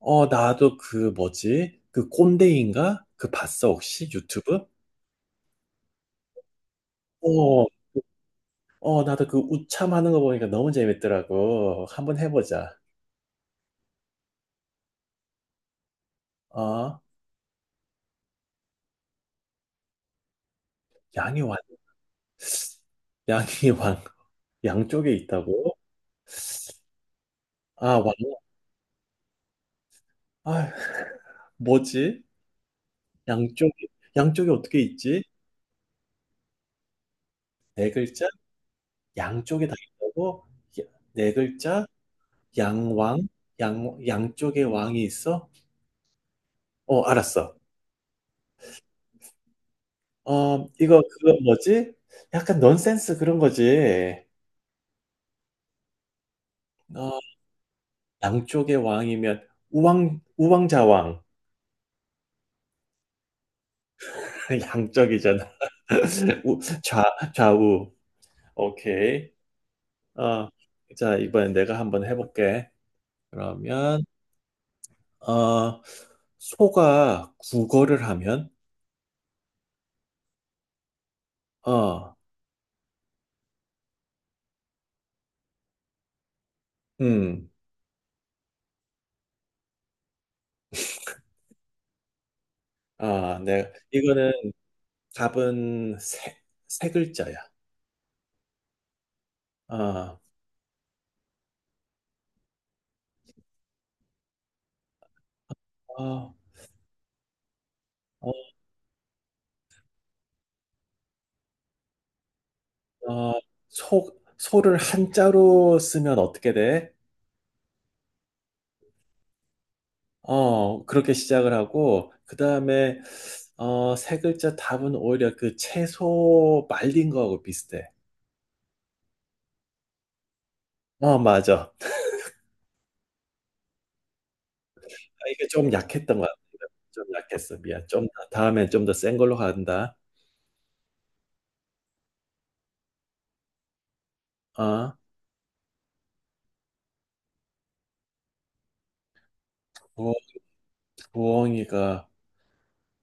나도 그 뭐지? 그 꼰대인가? 그 봤어, 혹시? 유튜브? 어, 나도 그 우참 하는 거 보니까 너무 재밌더라고. 한번 해보자. 어, 양이 왕, 양이 왕, 양쪽에 있다고? 아, 왕, 아, 뭐지? 양쪽에, 양쪽에 어떻게 있지? 네 글자? 양쪽에 다 있다고? 야- 네 글자? 양왕? 양쪽에 왕이 있어? 알았어. 이거 그거 뭐지? 약간 넌센스 그런 거지. 어 양쪽의 왕이면 우왕좌왕. 양쪽이잖아. 우 좌 좌우. 오케이. 어. 자, 이번엔 내가 한번 해볼게. 그러면 어 소가 국어를 하면? 어 음. 아, 네. 이거는 답은 세 글자야. 어, 어, 어, 어, 소를 한자로 쓰면 어떻게 돼? 그렇게 시작을 하고, 그 다음에, 세 글자 답은 오히려 그 채소 말린 거하고 비슷해. 맞아. 아, 이게 좀 약했던 것 같아. 좀 약했어. 미안. 좀, 다음엔 좀 더 센 걸로 간다. 어, 부, 부엉이가.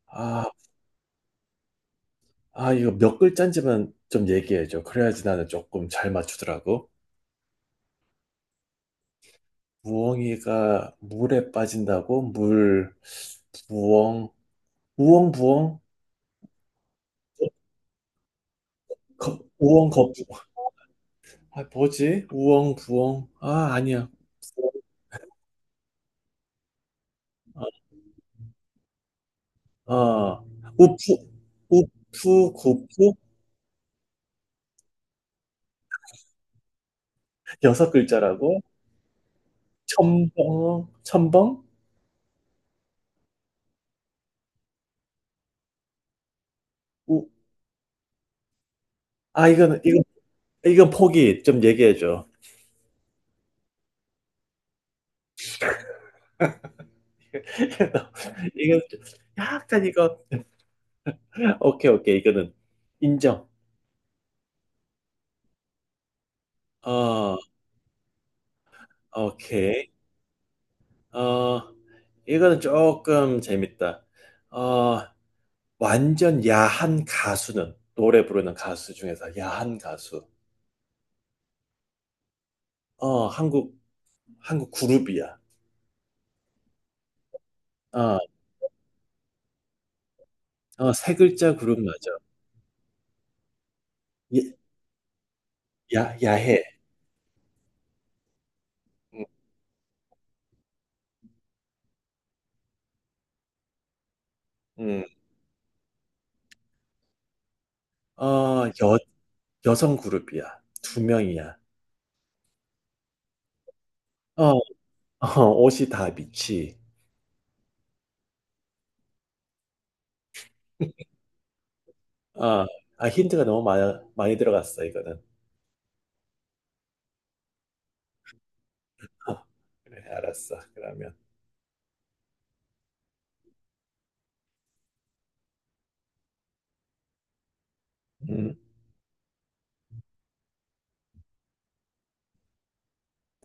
아, 아, 이거 몇 글자인지만 좀 얘기해줘. 그래야지 나는 조금 잘 맞추더라고. 부엉이가 물에 빠진다고? 물, 부엉, 우엉, 부엉? 우엉, 거푸. 아, 뭐지? 우엉, 부엉. 아, 아니야. 아, 어. 우프 우프 고프 여섯 글자라고? 첨벙, 첨벙? 우, 아, 이건 포기. 좀 얘기해줘. 이거, 약간 이거, 오케이, 오케이. 이거는 인정. 어, 오케이. 어, 이거는 조금 재밌다. 어, 완전 야한 가수는, 노래 부르는 가수 중에서 야한 가수. 어, 한국, 한국 그룹이야. 어, 세 글자 그룹 맞아. 예- 야해. 음, 음. 어, 여, 여성 그룹이야. 두 명이야. 어, 옷이 다 미치. 어, 아, 힌트가 너무 많이 들어갔어, 이거는. 어, 그래, 알았어. 그러면. 음,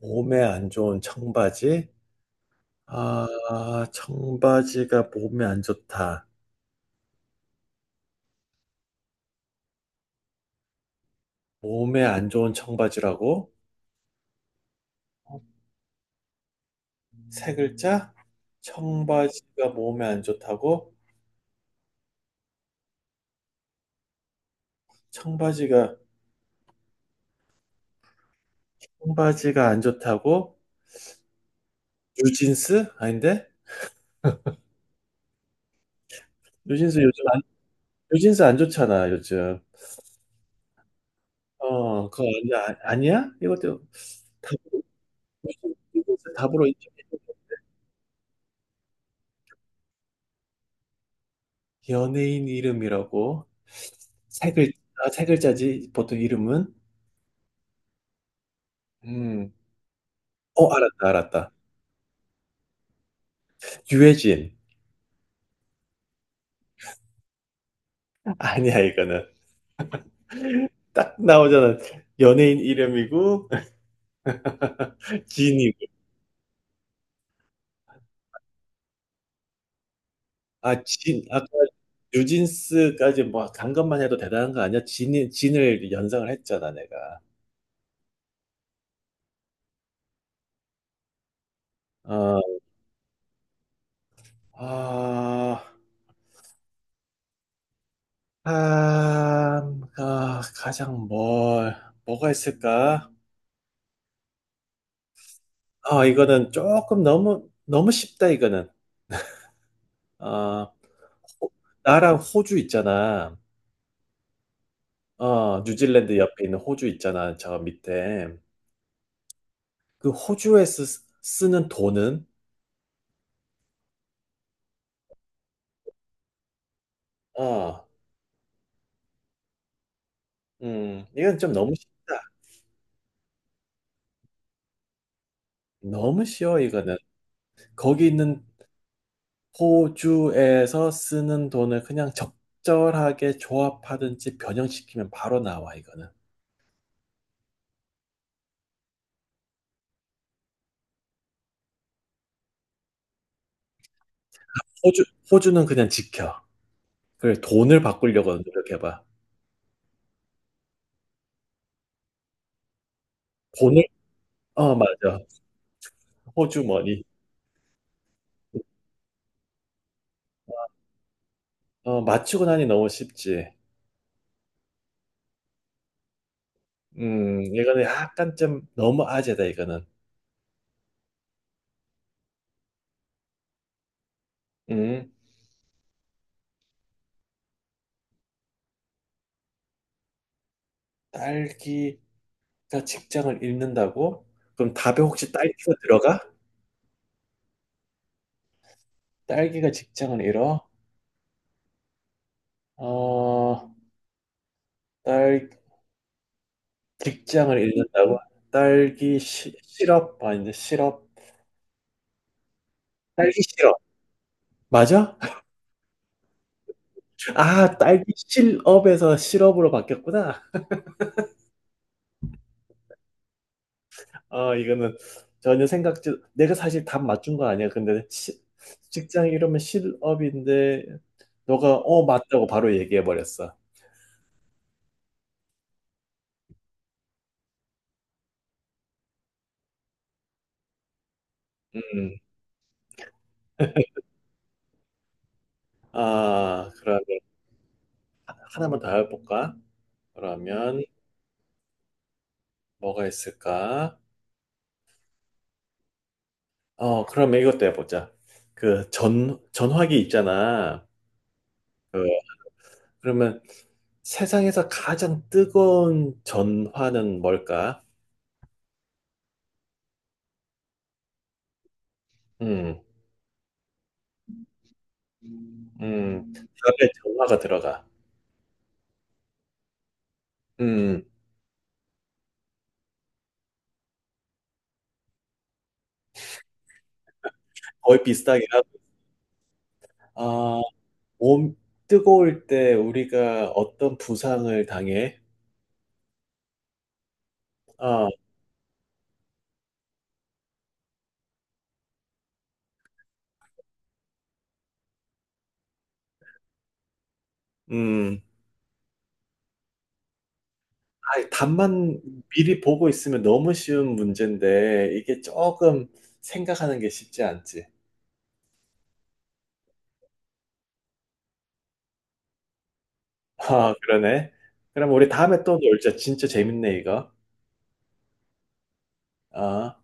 몸에 안 좋은 청바지. 아, 청바지가 몸에 안 좋다. 몸에 안 좋은 청바지라고? 세 글자? 청바지가 몸에 안 좋다고? 청바지가, 청바지가 안 좋다고? 뉴진스? 아닌데? 뉴진스 요즘 안, 뉴진스 안 좋잖아, 요즘. 그거 아니야? 아니야? 이것도 답, 뉴진스 답으로 인정. 연예인 이름이라고? 세 글자, 세 글자지, 보통 이름은? 음, 알았다. 유해진. 아니야, 이거는. 딱 나오잖아. 연예인 이름이고, 진이고. 아, 아까 뉴진스까지 뭐 간 것만 해도 대단한 거 아니야? 진을 연상을 했잖아, 내가. 어, 아, 가장 뭐가 있을까? 아, 이거는 조금 너무 쉽다, 이거는. 아, 호- 나랑 호주 있잖아. 뉴질랜드 옆에 있는 호주 있잖아, 저 밑에. 그 호주에서 쓰는 돈은? 어, 이건 좀 너무 쉽다. 너무 쉬워 이거는. 거기 있는 호주에서 쓰는 돈을 그냥 적절하게 조합하든지 변형시키면 바로 나와 이거는. 호주 호주는 그냥 지켜. 그래 돈을 바꾸려고 노력해봐. 돈을 어, 맞아. 호주 머니. 맞추고 나니 너무 쉽지. 이거는 약간 좀 너무 아재다 이거는. 음 딸기 딸기가 직장을 잃는다고? 그럼 답에 혹시 딸기가 들어가? 딸기가 직장을 잃어? 어, 딸, 직장을 잃는다고? 딸기 실업? 아닌데, 실업? 딸기 실업. 맞아? 아, 딸기 실업에서 실업으로 바뀌었구나. 이거는 전혀 생각지, 내가 사실 답 맞춘 거 아니야. 근데 직장 이러면 실업인데, 너가 맞다고 바로 얘기해 버렸어. 음. 아, 그러면 하나만 더 해볼까? 그러면 뭐가 있을까? 그럼 이것도 해보자. 그 전화기 있잖아. 그, 그러면 세상에서 가장 뜨거운 전화는 뭘까? 음, 답에 전화가 들어가. 음, 거의 비슷하긴 하고. 아, 몸 뜨거울 때 우리가 어떤 부상을 당해? 아, 음, 답만 미리 보고 있으면 너무 쉬운 문제인데 이게 조금 생각하는 게 쉽지 않지. 아, 그러네. 그럼 우리 다음에 또 놀자. 진짜 재밌네, 이거. 아.